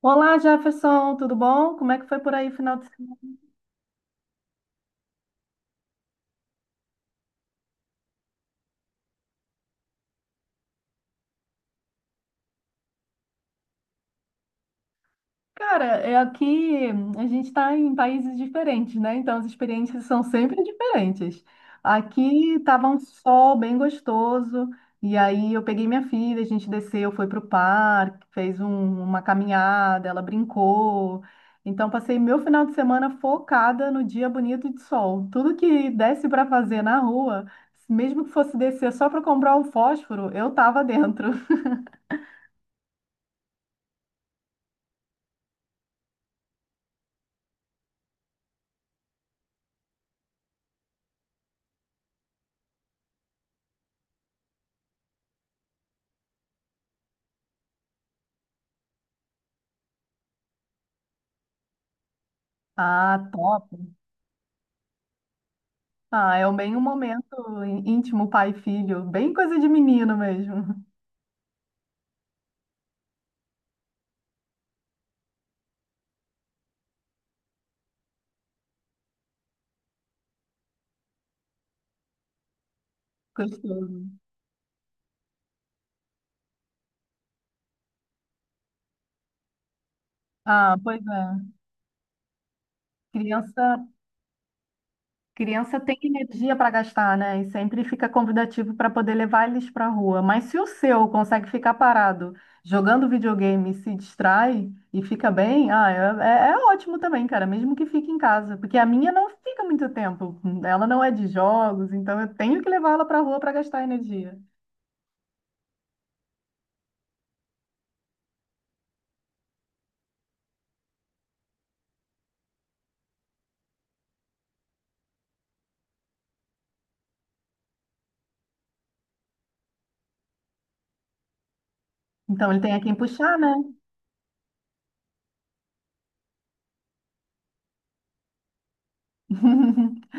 Olá, Jefferson, tudo bom? Como é que foi por aí final de semana? Cara, é aqui a gente está em países diferentes, né? Então as experiências são sempre diferentes. Aqui estava um sol bem gostoso, e aí eu peguei minha filha, a gente desceu, foi para o parque, fez uma caminhada, ela brincou. Então passei meu final de semana focada no dia bonito de sol. Tudo que desse para fazer na rua, mesmo que fosse descer só para comprar um fósforo, eu estava dentro. Ah, top. Ah, é bem um momento íntimo pai e filho, bem coisa de menino mesmo. Gostoso. Ah, pois é. Criança, criança tem energia para gastar, né? E sempre fica convidativo para poder levar eles para a rua. Mas se o seu consegue ficar parado jogando videogame, e se distrai e fica bem, ah, é ótimo também, cara, mesmo que fique em casa, porque a minha não fica muito tempo. Ela não é de jogos, então eu tenho que levar ela para a rua para gastar energia. Então ele tem a quem puxar, né?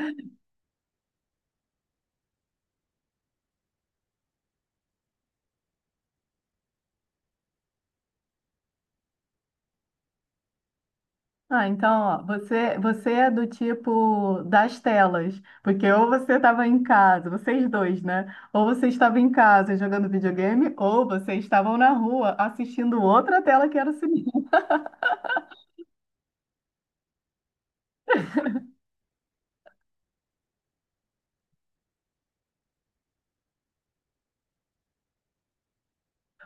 Ah, então, ó, você é do tipo das telas, porque ou você estava em casa, vocês dois, né? Ou você estava em casa jogando videogame, ou vocês estavam na rua assistindo outra tela que era o cinema.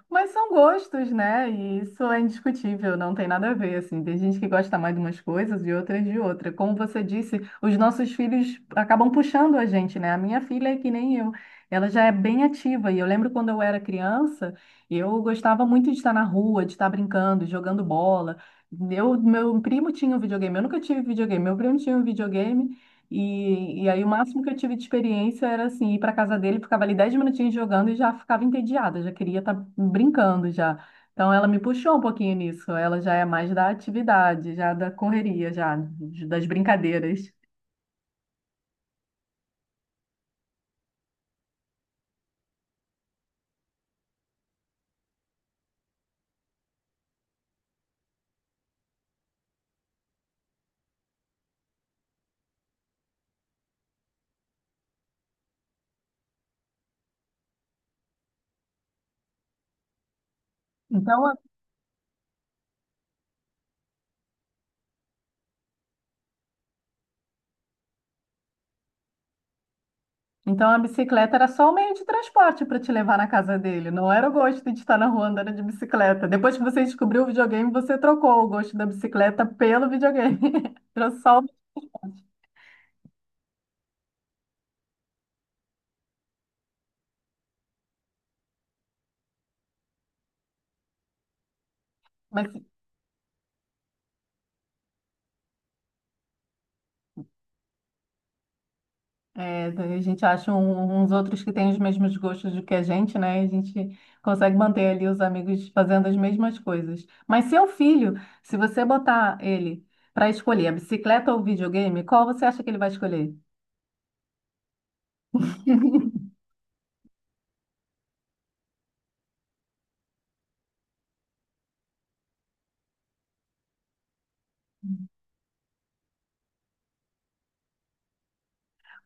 Mas são gostos, né? E isso é indiscutível, não tem nada a ver, assim. Tem gente que gosta mais de umas coisas e outras de outra. Como você disse, os nossos filhos acabam puxando a gente, né? A minha filha é que nem eu. Ela já é bem ativa. E eu lembro quando eu era criança, eu gostava muito de estar na rua, de estar brincando, jogando bola. Eu, meu primo tinha um videogame. Eu nunca tive videogame. Meu primo tinha um videogame. E aí o máximo que eu tive de experiência era assim, ir para casa dele, ficava ali 10 minutinhos jogando e já ficava entediada, já queria estar brincando já. Então ela me puxou um pouquinho nisso, ela já é mais da atividade, já da correria, já das brincadeiras. Então, a- então a bicicleta era só o meio de transporte para te levar na casa dele, não era o gosto de estar na rua andando de bicicleta. Depois que você descobriu o videogame, você trocou o gosto da bicicleta pelo videogame. Trouxe só o... Mas é, a gente acha uns outros que têm os mesmos gostos do que a gente, né? E a gente consegue manter ali os amigos fazendo as mesmas coisas. Mas seu filho, se você botar ele para escolher a bicicleta ou o videogame, qual você acha que ele vai escolher?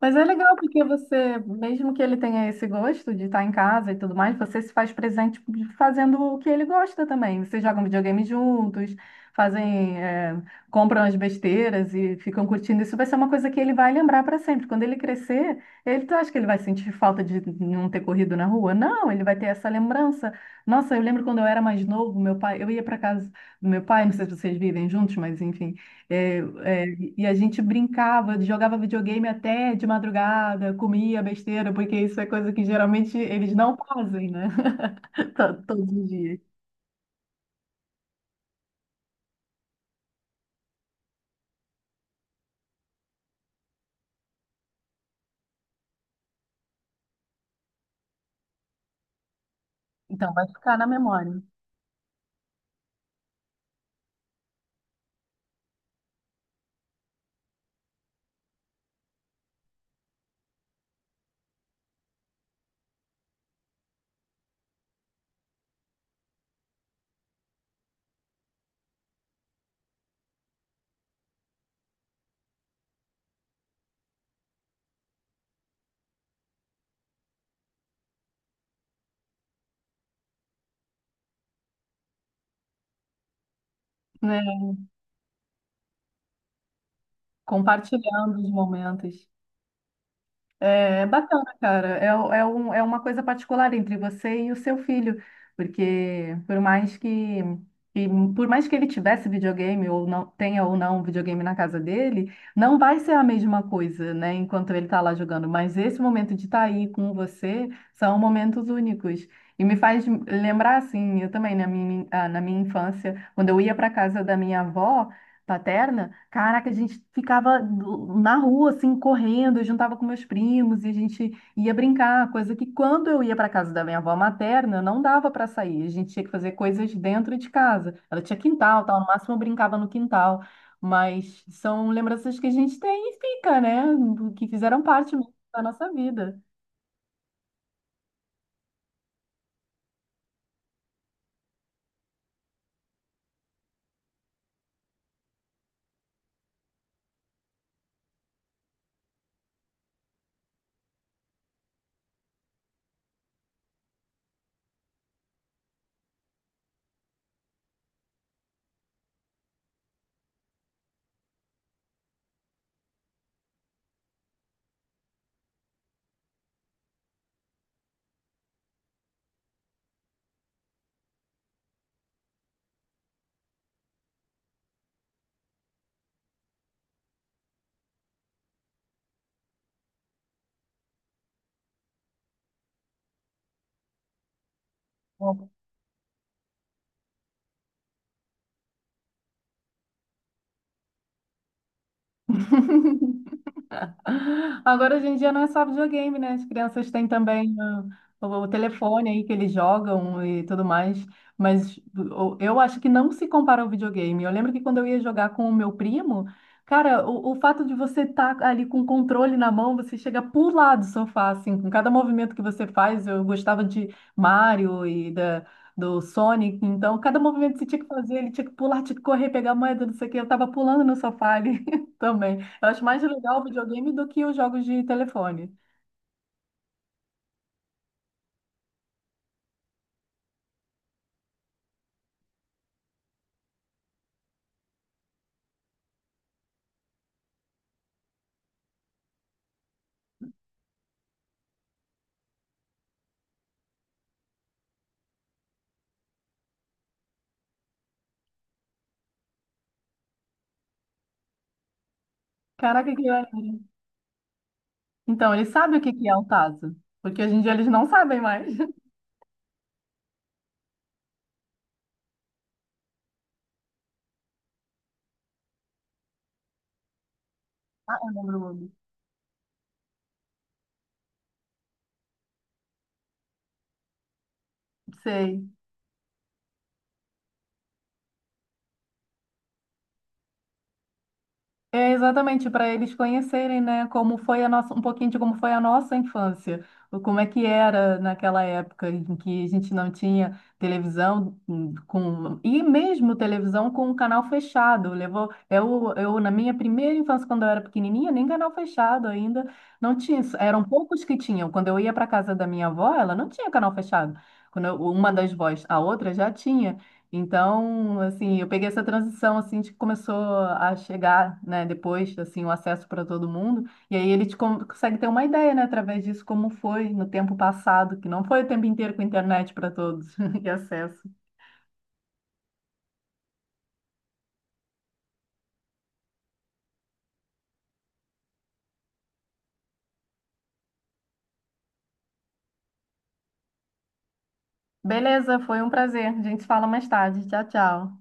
Mas é legal porque você, mesmo que ele tenha esse gosto de estar em casa e tudo mais, você se faz presente fazendo o que ele gosta também. Vocês jogam videogame juntos, fazem, é, compram as besteiras e ficam curtindo. Isso vai ser uma coisa que ele vai lembrar para sempre. Quando ele crescer, ele tu acha que ele vai sentir falta de não ter corrido na rua? Não, ele vai ter essa lembrança. Nossa, eu lembro quando eu era mais novo, meu pai, eu ia para casa do meu pai, não sei se vocês vivem juntos, mas enfim. É, é, e a gente brincava, jogava videogame até de madrugada, comia besteira, porque isso é coisa que geralmente eles não fazem, né? Todos os dias. Então, vai ficar na memória, né? Compartilhando os momentos. É bacana, cara. É uma coisa particular entre você e o seu filho, porque que- por mais que ele tivesse videogame ou não tenha ou não videogame na casa dele, não vai ser a mesma coisa, né? Enquanto ele está lá jogando. Mas esse momento de estar aí com você são momentos únicos. E me faz lembrar assim, eu também na minha, ah, na minha infância, quando eu ia para casa da minha avó paterna, caraca, a gente ficava na rua, assim, correndo, eu juntava com meus primos e a gente ia brincar, coisa que quando eu ia para casa da minha avó materna, não dava para sair, a gente tinha que fazer coisas dentro de casa. Ela tinha quintal, tal, no máximo eu brincava no quintal, mas são lembranças que a gente tem e fica, né, que fizeram parte da nossa vida. Agora, hoje em dia, não é só videogame, né? As crianças têm também ah, o telefone aí que eles jogam e tudo mais. Mas eu acho que não se compara ao videogame. Eu lembro que quando eu ia jogar com o meu primo, cara, o fato de você estar ali com o controle na mão, você chega a pular do sofá, assim, com cada movimento que você faz. Eu gostava de Mario e da. Do Sonic, então cada movimento que você tinha que fazer, ele tinha que pular, tinha que correr, pegar a moeda, não sei o que. Eu tava pulando no sofá ali também. Eu acho mais legal o videogame do que os jogos de telefone. Caraca, que maneiro. Então, eles sabem o que que é um tazo. Porque hoje em dia eles não sabem mais. Lembra o mundo. Sei. É exatamente para eles conhecerem, né, como foi a nossa, um pouquinho de como foi a nossa infância, ou como é que era naquela época em que a gente não tinha televisão com e mesmo televisão com um canal fechado. Levou eu na minha primeira infância quando eu era pequenininha, nem canal fechado ainda não tinha. Isso. Eram poucos que tinham. Quando eu ia para casa da minha avó, ela não tinha canal fechado. Quando uma das vós, a outra já tinha. Então, assim, eu peguei essa transição assim de que começou a chegar, né, depois, assim, o acesso para todo mundo, e aí ele te consegue ter uma ideia, né, através disso como foi no tempo passado, que não foi o tempo inteiro com internet para todos e acesso. Beleza, foi um prazer. A gente se fala mais tarde. Tchau, tchau.